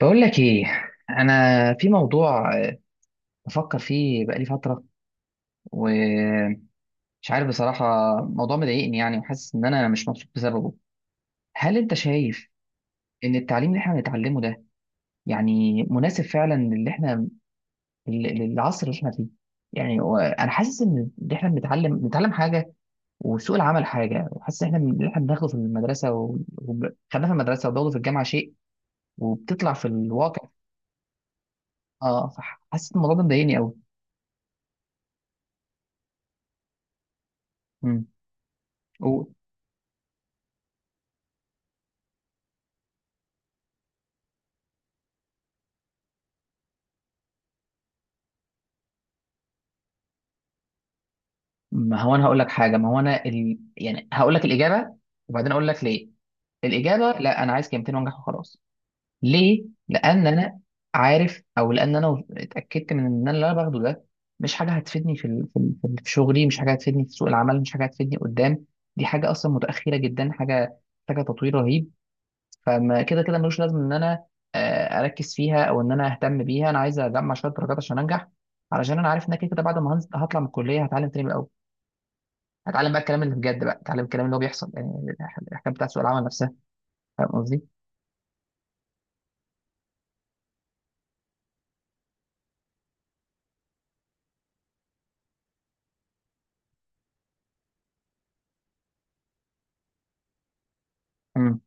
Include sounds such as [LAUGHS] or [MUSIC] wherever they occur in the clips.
بقول لك ايه. انا في موضوع بفكر فيه بقالي فتره ومش عارف بصراحه. موضوع مضايقني يعني وحاسس ان انا مش مبسوط بسببه. هل انت شايف ان التعليم اللي احنا بنتعلمه ده يعني مناسب فعلا للي احنا للعصر اللي احنا فيه؟ يعني هو انا حاسس ان اللي احنا بنتعلم حاجه وسوق العمل حاجه، وحاسس ان احنا اللي احنا بناخده في المدرسه وخدناه في المدرسه وبناخده في الجامعه شيء وبتطلع في الواقع. اه، فحاسس إن الموضوع ده مضايقني قوي. ما هو انا هقول لك حاجه، ما هو انا يعني هقول لك الاجابه وبعدين اقول لك ليه. الاجابه لا، انا عايز كلمتين وانجح وخلاص. ليه؟ لان انا عارف، او لان انا اتاكدت من ان انا اللي انا باخده ده مش حاجه هتفيدني في شغلي، مش حاجه هتفيدني في سوق العمل، مش حاجه هتفيدني قدام. دي حاجه اصلا متاخره جدا، حاجه محتاجه تطوير رهيب. فما كده كده ملوش لازم ان انا اركز فيها او ان انا اهتم بيها. انا عايز اجمع شويه درجات عشان انجح، علشان انا عارف ان أنا كده كده بعد ما هطلع من الكليه هتعلم تاني من الأول. هتعلم بقى الكلام اللي بجد، بقى اتعلم الكلام اللي هو بيحصل، يعني الحكايه بتاعت سوق العمل نفسها. فاهم قصدي؟ امم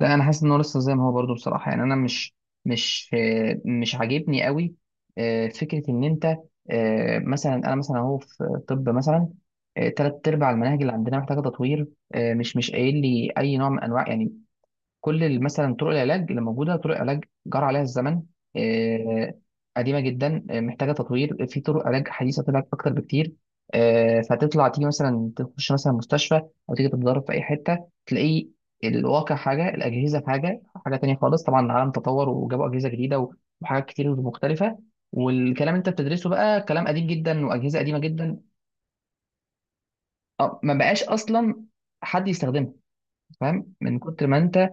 لا، انا حاسس انه لسه زي ما هو برضه، بصراحه. يعني انا مش مش عاجبني قوي. فكره ان انت مثلا، انا مثلا اهو في طب مثلا ثلاث ارباع المناهج اللي عندنا محتاجه تطوير. مش قايل لي اي نوع من انواع يعني مثلا طرق العلاج اللي موجوده، طرق علاج جرى عليها الزمن. آه، قديمه جدا، محتاجه تطوير، في طرق علاج حديثه طلعت اكتر بكتير. فتطلع تيجي مثلا تخش مثلا مستشفى او تيجي تتدرب في اي حته، تلاقي الواقع حاجه، الاجهزه حاجه، حاجه تانية خالص. طبعا العالم تطور وجابوا اجهزه جديده وحاجات كتير مختلفه، والكلام اللي انت بتدرسه بقى كلام قديم جدا واجهزه قديمه جدا. ما بقاش اصلا حد يستخدمها، فاهم، من كتر ما انت.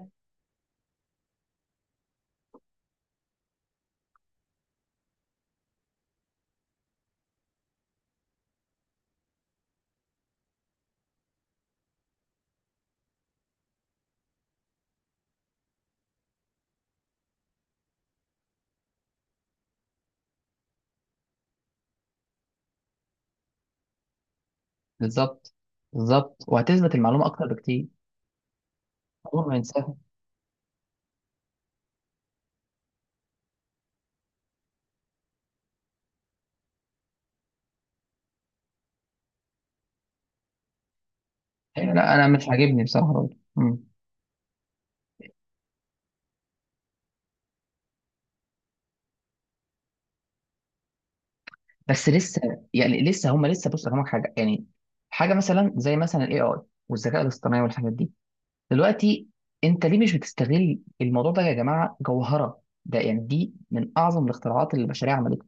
بالظبط، بالظبط، وهتثبت المعلومة أكتر بكتير. عمره ما ينساها. أيوة، لا أنا مش عاجبني بصراحة برضه. مم. بس لسه، يعني لسه هم لسه، بص أفهمك حاجة. يعني حاجة مثلا زي مثلا ال AI والذكاء الاصطناعي والحاجات دي دلوقتي، أنت ليه مش بتستغل الموضوع ده يا جماعة؟ جوهرة ده، يعني دي من أعظم الاختراعات اللي البشرية عملتها.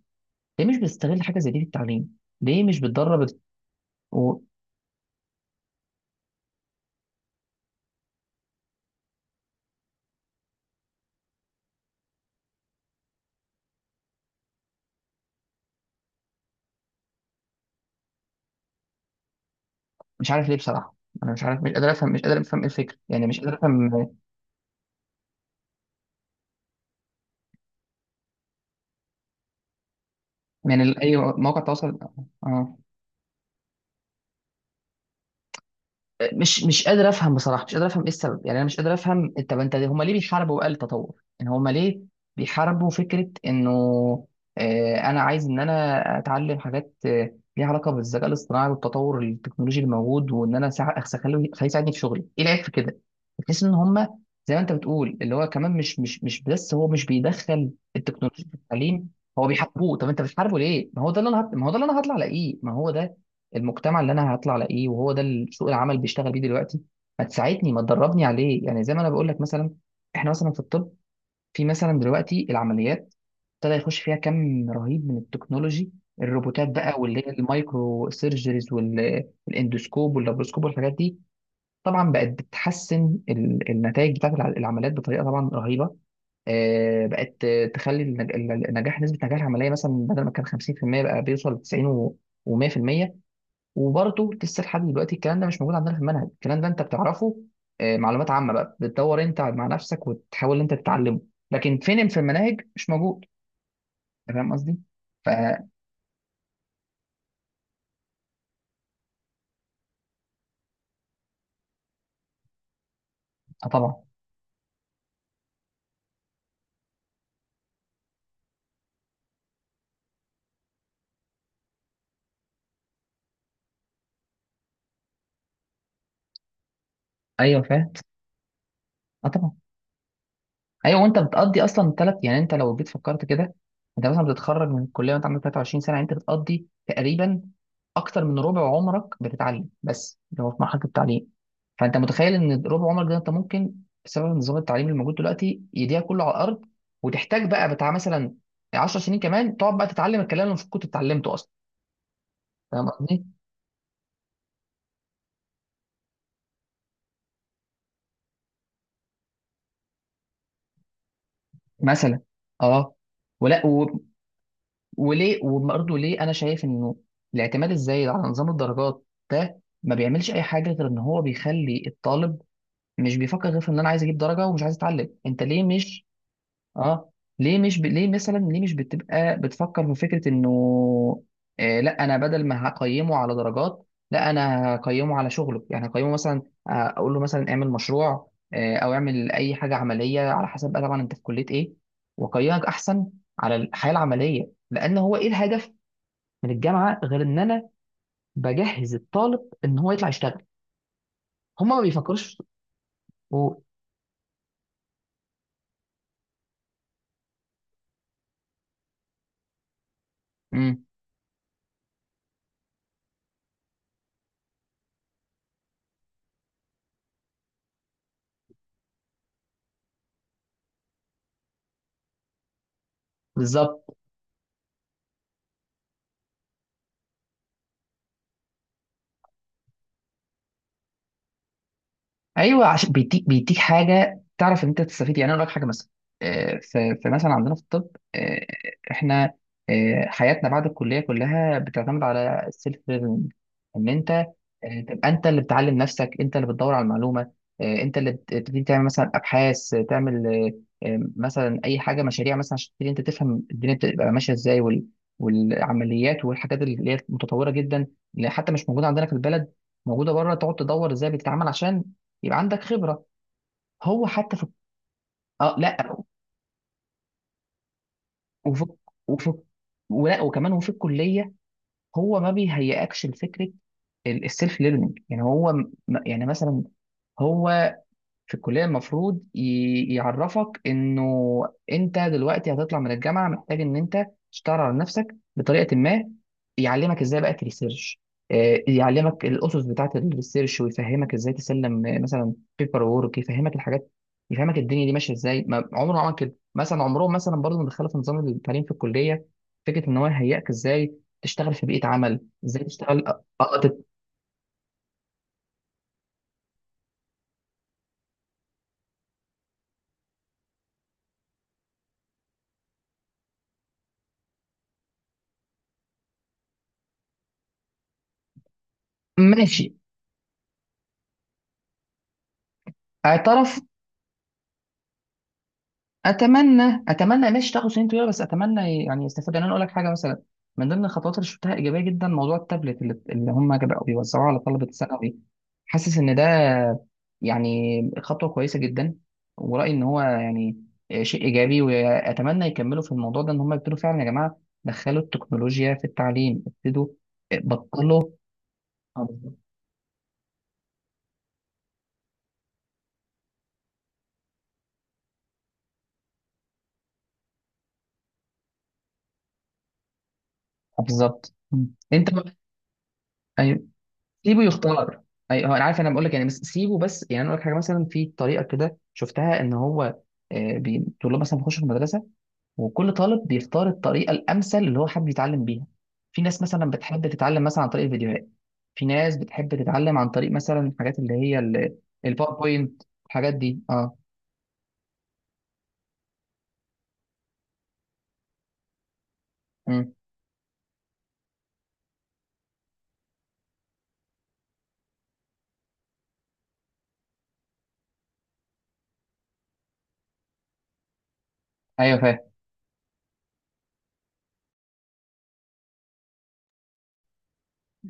ليه مش بتستغل حاجة زي دي في التعليم؟ ليه مش بتدرب ومش عارف ليه بصراحة. أنا مش عارف، مش قادر أفهم، إيه الفكرة؟ يعني مش قادر أفهم. أي مواقع تواصل. آه. مش قادر افهم بصراحه، مش قادر افهم ايه السبب يعني. انا مش قادر افهم، طب انت، هما ليه بيحاربوا بقى التطور؟ يعني هما ليه بيحاربوا فكره انه انا عايز ان انا اتعلم حاجات ليها علاقه بالذكاء الاصطناعي والتطور التكنولوجي الموجود، وان انا سع- أخس- اخليه أخليه يساعدني في شغلي؟ ايه العيب في كده؟ بحيث ان هما زي ما انت بتقول، اللي هو كمان مش بس هو مش بيدخل التكنولوجيا في التعليم، هو بيحاربوه. طب انت بتحاربه ليه؟ ما هو ده اللي انا ما هو ده اللي انا هطلع الاقيه، ما هو ده المجتمع اللي انا هطلع الاقيه، وهو ده اللي سوق العمل بيشتغل بيه دلوقتي. ما تساعدني، ما تدربني عليه. يعني زي ما انا بقول لك، مثلا احنا مثلا في الطب، في مثلا دلوقتي العمليات ابتدى يخش فيها كم رهيب من التكنولوجي، الروبوتات بقى، واللي هي المايكرو سيرجريز والاندوسكوب واللابروسكوب والحاجات دي. طبعا بقت بتحسن النتائج بتاعت العمليات بطريقه طبعا رهيبه. بقت تخلي النجاح، نسبه نجاح العمليه مثلا بدل ما كان 50% بقى بيوصل ل 90 و100%. وبرضه لسه لحد دلوقتي الكلام ده مش موجود عندنا في المنهج. الكلام ده انت بتعرفه معلومات عامه بقى، بتدور انت مع نفسك وتحاول انت تتعلمه، لكن فين في المناهج؟ مش موجود. أنت فاهم قصدي؟ اه طبعا. ايوه فاهم. اه طبعا. ايوه، وانت بتقضي اصلا ثلاث، يعني انت لو جيت فكرت كده انت مثلا بتتخرج من الكليه وانت عندك 23 سنه، يعني انت بتقضي تقريبا اكتر من ربع عمرك بتتعلم بس، اللي هو في مرحله التعليم. فانت متخيل ان ربع عمرك ده انت ممكن بسبب نظام التعليم الموجود دلوقتي يضيع كله على الارض، وتحتاج بقى بتاع مثلا 10 سنين كمان تقعد بقى تتعلم الكلام اللي المفروض كنت اتعلمته اصلا. فاهم قصدي؟ مثلا، اه. ولا وليه، وبرضه ليه انا شايف انه الاعتماد الزايد على نظام الدرجات ده ما بيعملش اي حاجه غير ان هو بيخلي الطالب مش بيفكر غير في ان انا عايز اجيب درجه ومش عايز اتعلم. انت ليه مش، اه، ليه مش ليه مثلا ليه مش بتبقى بتفكر في فكره انه آه، لا انا بدل ما هقيمه على درجات، لا انا هقيمه على شغله. يعني هقيمه مثلا اقول له مثلا اعمل مشروع آه، او اعمل اي حاجه عمليه على حسب بقى طبعا انت في كليه ايه، واقيمك احسن على الحياه العمليه. لان هو ايه الهدف من الجامعه غير ان انا بجهز الطالب ان هو يطلع يشتغل؟ هم ما بيفكروش و- مم، بالظبط. ايوه، عشان بيديك، بيديك حاجه تعرف ان انت تستفيد. يعني انا اقول لك حاجه مثلا في مثلا عندنا في الطب، آه، احنا حياتنا بعد الكليه كلها بتعتمد على السيلف ليرنينج. ان انت تبقى انت اللي بتعلم نفسك، انت اللي بتدور على المعلومه، انت اللي بتبتدي تعمل مثلا ابحاث، تعمل مثلا اي حاجه، مشاريع مثلا، عشان تبتدي انت تفهم الدنيا بتبقى ماشيه ازاي، والعمليات والحاجات اللي هي متطوره جدا، اللي حتى مش موجوده عندنا في البلد، موجوده بره. تقعد تدور ازاي بتتعامل عشان يبقى عندك خبره. هو حتى في، اه لا. وفي وفي ولا وكمان وفي الكليه هو ما بيهيئكش لفكره السيلف ليرنينج. يعني هو م-، يعني مثلا هو في الكلية المفروض يعرفك انه انت دلوقتي هتطلع من الجامعة محتاج ان انت تشتغل على نفسك بطريقة ما. يعلمك ازاي بقى تريسيرش، يعلمك الاسس بتاعة الريسيرش، ويفهمك ازاي تسلم مثلا بيبر وورك، يفهمك الحاجات، يفهمك الدنيا دي ماشية ازاي. ما عمره ما عمل كده، مثلا عمرهم مثلا برضه ما دخلوا في نظام التعليم في الكلية فكرة ان هو يهيئك ازاي تشتغل في بيئة عمل، ازاي تشتغل ماشي. اعترف. اتمنى، اتمنى، ماشي تاخد سنين طويله، بس اتمنى يعني يستفاد. يعني انا اقول لك حاجه مثلا، من ضمن الخطوات اللي شفتها ايجابيه جدا موضوع التابلت اللي هم بقوا بيوزعوه على طلبه الثانوي. حاسس ان ده يعني خطوه كويسه جدا، ورايي ان هو يعني شيء ايجابي، واتمنى يكملوا في الموضوع ده. ان هم يبتدوا فعلا يا جماعه دخلوا التكنولوجيا في التعليم، ابتدوا، بطلوا آه، بالظبط. مم. انت بقى-. أيوة. سيبه يختار. اي هو انا عارف، انا بقول لك يعني، بس سيبه بس. يعني انا اقول لك حاجه مثلا في طريقه كده شفتها ان هو الطلاب مثلا بيخشوا في المدرسه، وكل طالب بيختار الطريقه الامثل اللي هو حابب يتعلم بيها. في ناس مثلا بتحب تتعلم مثلا عن طريق الفيديوهات، في ناس بتحب تتعلم عن طريق مثلا الحاجات اللي هي الباوربوينت، الحاجات دي. اه. امم. ايوه فاهم.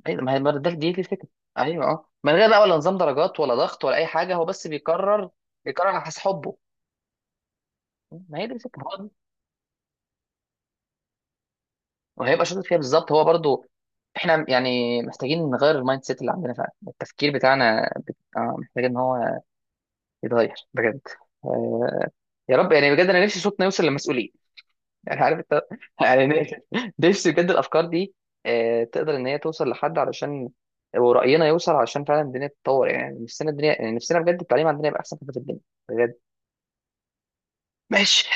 ايوه، ما هي، ما ده، دي الفكره. ايوه اه، من غير بقى ولا نظام درجات ولا ضغط ولا اي حاجه، هو بس بيكرر، بيكرر على حسب حبه. ما هي دي الفكره. وهيبقى شاطر فيها بالظبط. هو برضو احنا يعني محتاجين نغير المايند سيت اللي عندنا فعلا. التفكير بتاعنا آه محتاج ان هو يتغير بجد. آه، يا رب يعني بجد انا نفسي صوتنا يوصل للمسؤولين [LAUGHS] يعني عارف انت [LAUGHS] يعني نفسي، نفسي بجد الافكار دي آه تقدر ان هي توصل لحد، علشان ورأينا يوصل، علشان فعلا الدنيا تتطور. يعني نفسنا الدنيا، يعني نفسنا بجد التعليم عندنا يبقى احسن حاجه في الدنيا، بجد. ماشي.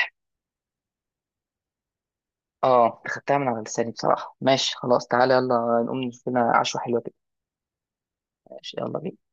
اه، خدتها من على لساني بصراحه. ماشي خلاص، تعالى يلا نقوم نشوف لنا عشوه حلوه كده. ماشي يلا بينا.